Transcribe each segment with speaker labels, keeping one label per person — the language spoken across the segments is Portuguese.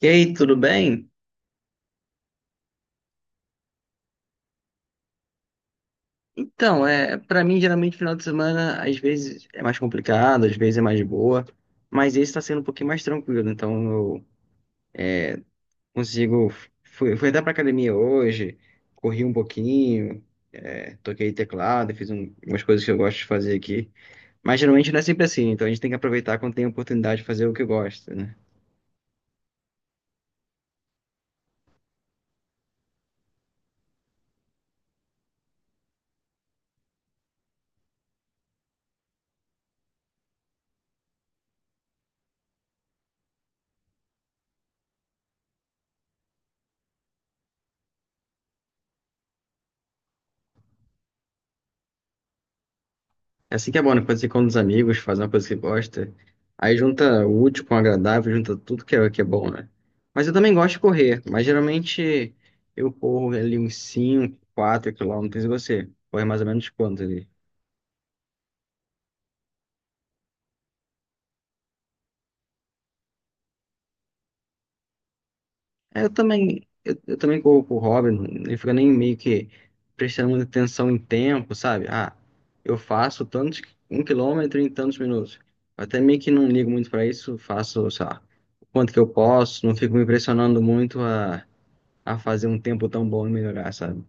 Speaker 1: E aí, tudo bem? Então, para mim, geralmente, final de semana, às vezes é mais complicado, às vezes é mais boa, mas esse está sendo um pouquinho mais tranquilo, então eu consigo. Fui até pra academia hoje, corri um pouquinho, toquei teclado, fiz umas coisas que eu gosto de fazer aqui, mas geralmente não é sempre assim, então a gente tem que aproveitar quando tem a oportunidade de fazer o que gosta, né? É assim que é bom, né? Quando você com os amigos, faz uma coisa que gosta. Aí junta o útil com o agradável, junta tudo que é bom, né? Mas eu também gosto de correr, mas geralmente eu corro ali uns 5 4 quilômetros e você corre mais ou menos quanto ali? É, eu também, eu também corro por hobby, não fica nem meio que prestando muita atenção em tempo, sabe? Ah, eu faço tantos, um quilômetro em tantos minutos. Eu até meio que não ligo muito pra isso, faço, sei lá, o quanto que eu posso, não fico me impressionando muito a fazer um tempo tão bom e melhorar, sabe?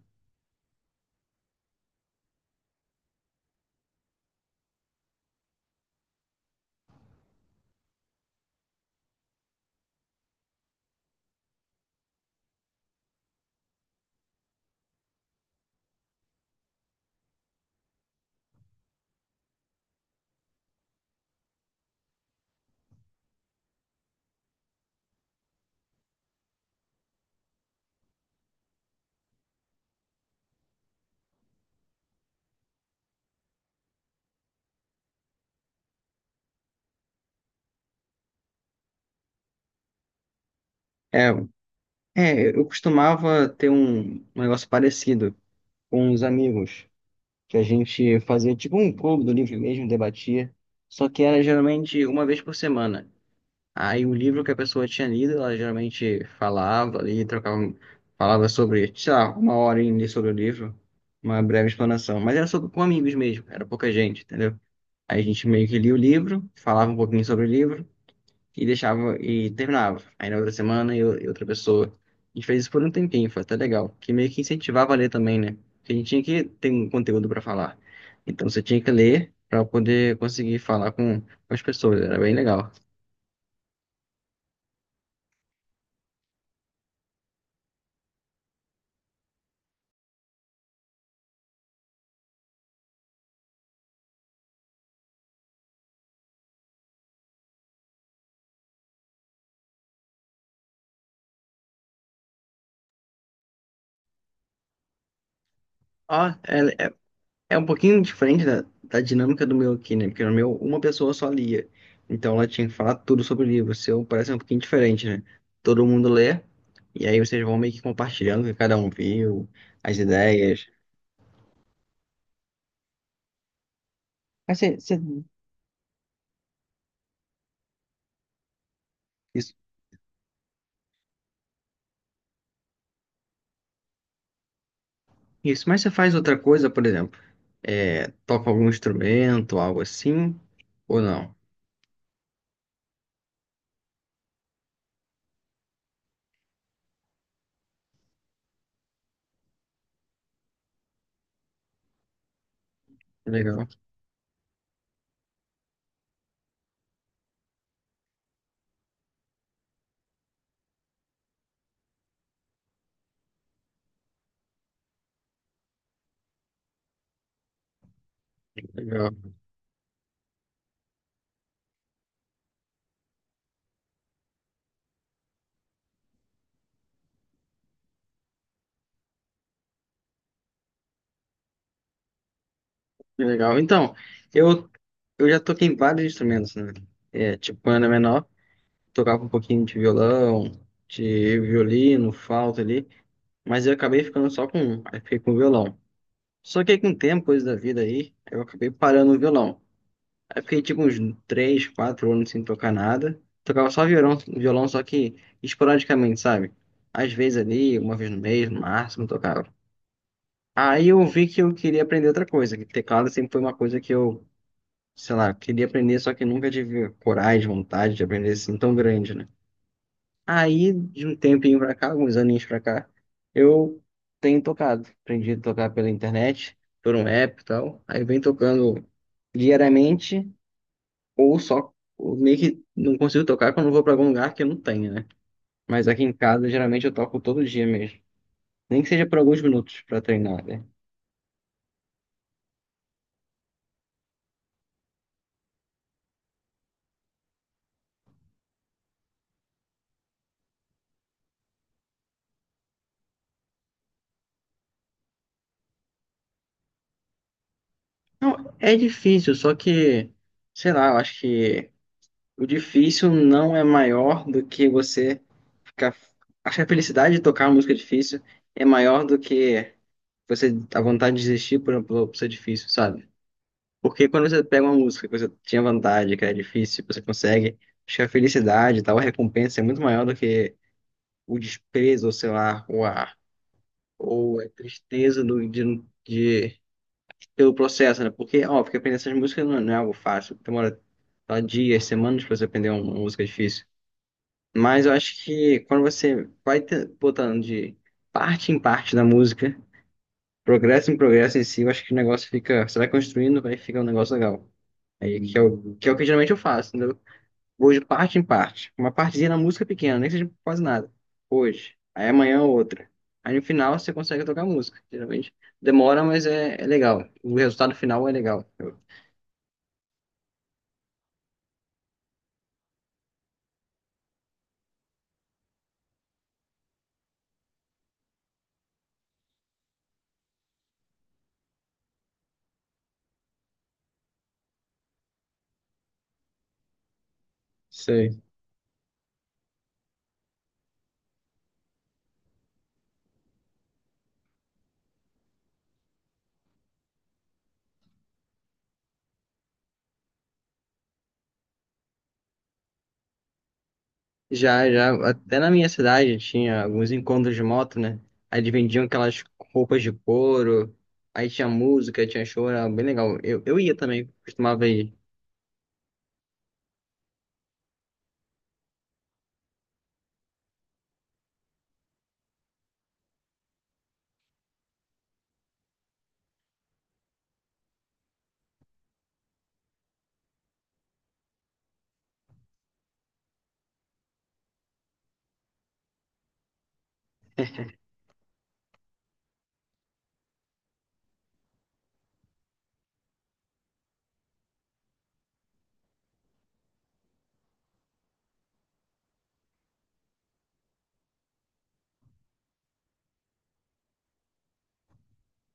Speaker 1: É, é, eu costumava ter um negócio parecido com os amigos, que a gente fazia tipo um clube do livro mesmo, debatia, só que era geralmente uma vez por semana. Aí o livro que a pessoa tinha lido, ela geralmente falava ali, trocava, falava sobre, sei lá, uma hora ali sobre o livro, uma breve explanação. Mas era só com amigos mesmo, era pouca gente, entendeu? Aí a gente meio que lia o livro, falava um pouquinho sobre o livro, e deixava e terminava. Aí na outra semana eu e outra pessoa. A gente fez isso por um tempinho, foi até legal. Que meio que incentivava a ler também, né? Porque a gente tinha que ter um conteúdo para falar. Então você tinha que ler para poder conseguir falar com as pessoas. Era bem legal. Ó, é um pouquinho diferente da dinâmica do meu aqui, né? Porque no meu uma pessoa só lia. Então ela tinha que falar tudo sobre o livro. O seu parece um pouquinho diferente, né? Todo mundo lê. E aí vocês vão meio que compartilhando o que cada um viu, as ideias. Mas você, você Isso, isso. Mas você faz outra coisa, por exemplo, toca algum instrumento, algo assim, ou não? Que legal, que legal, que legal. Então, eu, eu já toquei em vários instrumentos, né? É, tipo, quando era menor, tocava um pouquinho de violão, de violino, flauta ali, mas eu acabei ficando só com um, aí fiquei com o violão. Só que aí com o tempo, coisa da vida aí, eu acabei parando o violão. Aí fiquei tipo uns 3, 4 anos sem tocar nada. Tocava só violão, violão, só que esporadicamente, sabe? Às vezes ali, uma vez no mês, no máximo, tocava. Aí eu vi que eu queria aprender outra coisa, que teclado sempre foi uma coisa que eu, sei lá, queria aprender, só que nunca tive coragem, vontade de aprender assim tão grande, né? Aí, de um tempinho pra cá, alguns aninhos pra cá, eu tenho tocado. Aprendi a tocar pela internet, por um app e tal. Aí vem tocando diariamente ou só, ou meio que não consigo tocar quando eu vou pra algum lugar que eu não tenha, né? Mas aqui em casa, geralmente eu toco todo dia mesmo. Nem que seja por alguns minutos pra treinar, né? Não, é difícil, só que, sei lá, eu acho que o difícil não é maior do que você ficar. Acho que a felicidade de tocar uma música difícil é maior do que você, a vontade de desistir por ser difícil, sabe? Porque quando você pega uma música que você tinha vontade, que era difícil, você consegue, acho que a felicidade e tal, a recompensa é muito maior do que o desprezo, ou sei lá, ou a, tristeza de- pelo processo, né? Porque, ó, porque aprender essas músicas não, não é algo fácil, demora tá, dias, semanas pra você aprender uma música difícil. Mas eu acho que quando você vai botando de parte em parte da música, progresso em si, eu acho que o negócio fica, você vai construindo, vai ficar um negócio legal. Aí, é o que geralmente eu faço, entendeu? Vou de parte em parte. Uma partezinha na música pequena, nem que seja quase nada. Hoje. Aí amanhã outra. Aí no final você consegue tocar música. Geralmente demora, mas é legal. O resultado final é legal. Sei. Já, já, até na minha cidade tinha alguns encontros de moto, né? Aí eles vendiam aquelas roupas de couro, aí tinha música, tinha show, era bem legal. Eu ia também, costumava ir.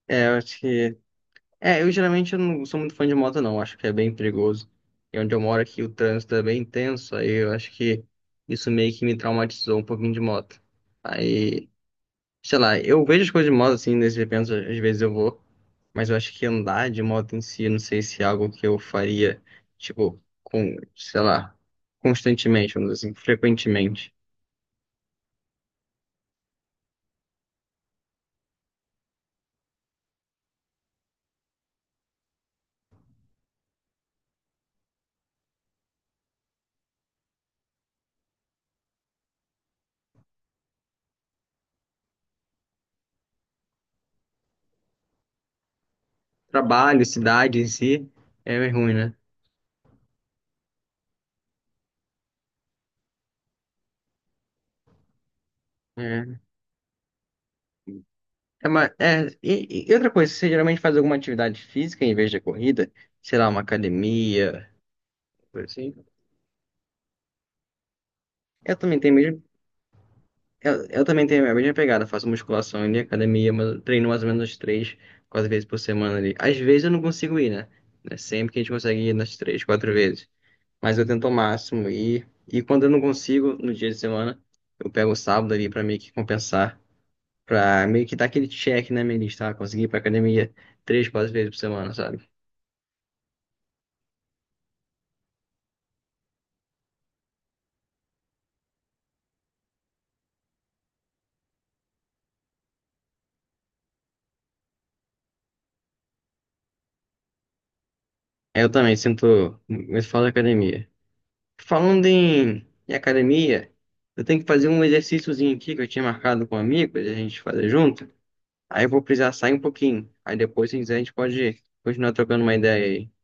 Speaker 1: É, eu acho que É, eu geralmente eu não sou muito fã de moto, não. Acho que é bem perigoso. E onde eu moro aqui, o trânsito é bem intenso. Aí eu acho que isso meio que me traumatizou um pouquinho de moto. Aí, sei lá, eu vejo as coisas de moto assim, nesses eventos, às vezes eu vou. Mas eu acho que andar de moto em si, eu não sei se é algo que eu faria, tipo, com, sei lá, constantemente, vamos dizer assim, frequentemente. Trabalho, cidade em si, é ruim, né? É. E outra coisa, você geralmente faz alguma atividade física em vez de corrida? Sei lá, uma academia, coisa assim. Eu também tenho mesmo, eu também tenho a mesma pegada, faço musculação e academia, mas eu treino mais ou menos 3, 4 vezes por semana ali. Às vezes eu não consigo ir, né? Não é sempre que a gente consegue ir nas 3, 4 vezes. Mas eu tento ao máximo ir. E quando eu não consigo, no dia de semana, eu pego o sábado ali pra meio que compensar, pra meio que dar aquele check na minha lista, ah, consegui ir pra academia 3, 4 vezes por semana, sabe? É, eu também sinto muito falta de academia. Falando em academia, eu tenho que fazer um exercíciozinho aqui que eu tinha marcado com um amigo pra gente fazer junto. Aí eu vou precisar sair um pouquinho. Aí depois, se quiser, a gente pode continuar trocando uma ideia aí.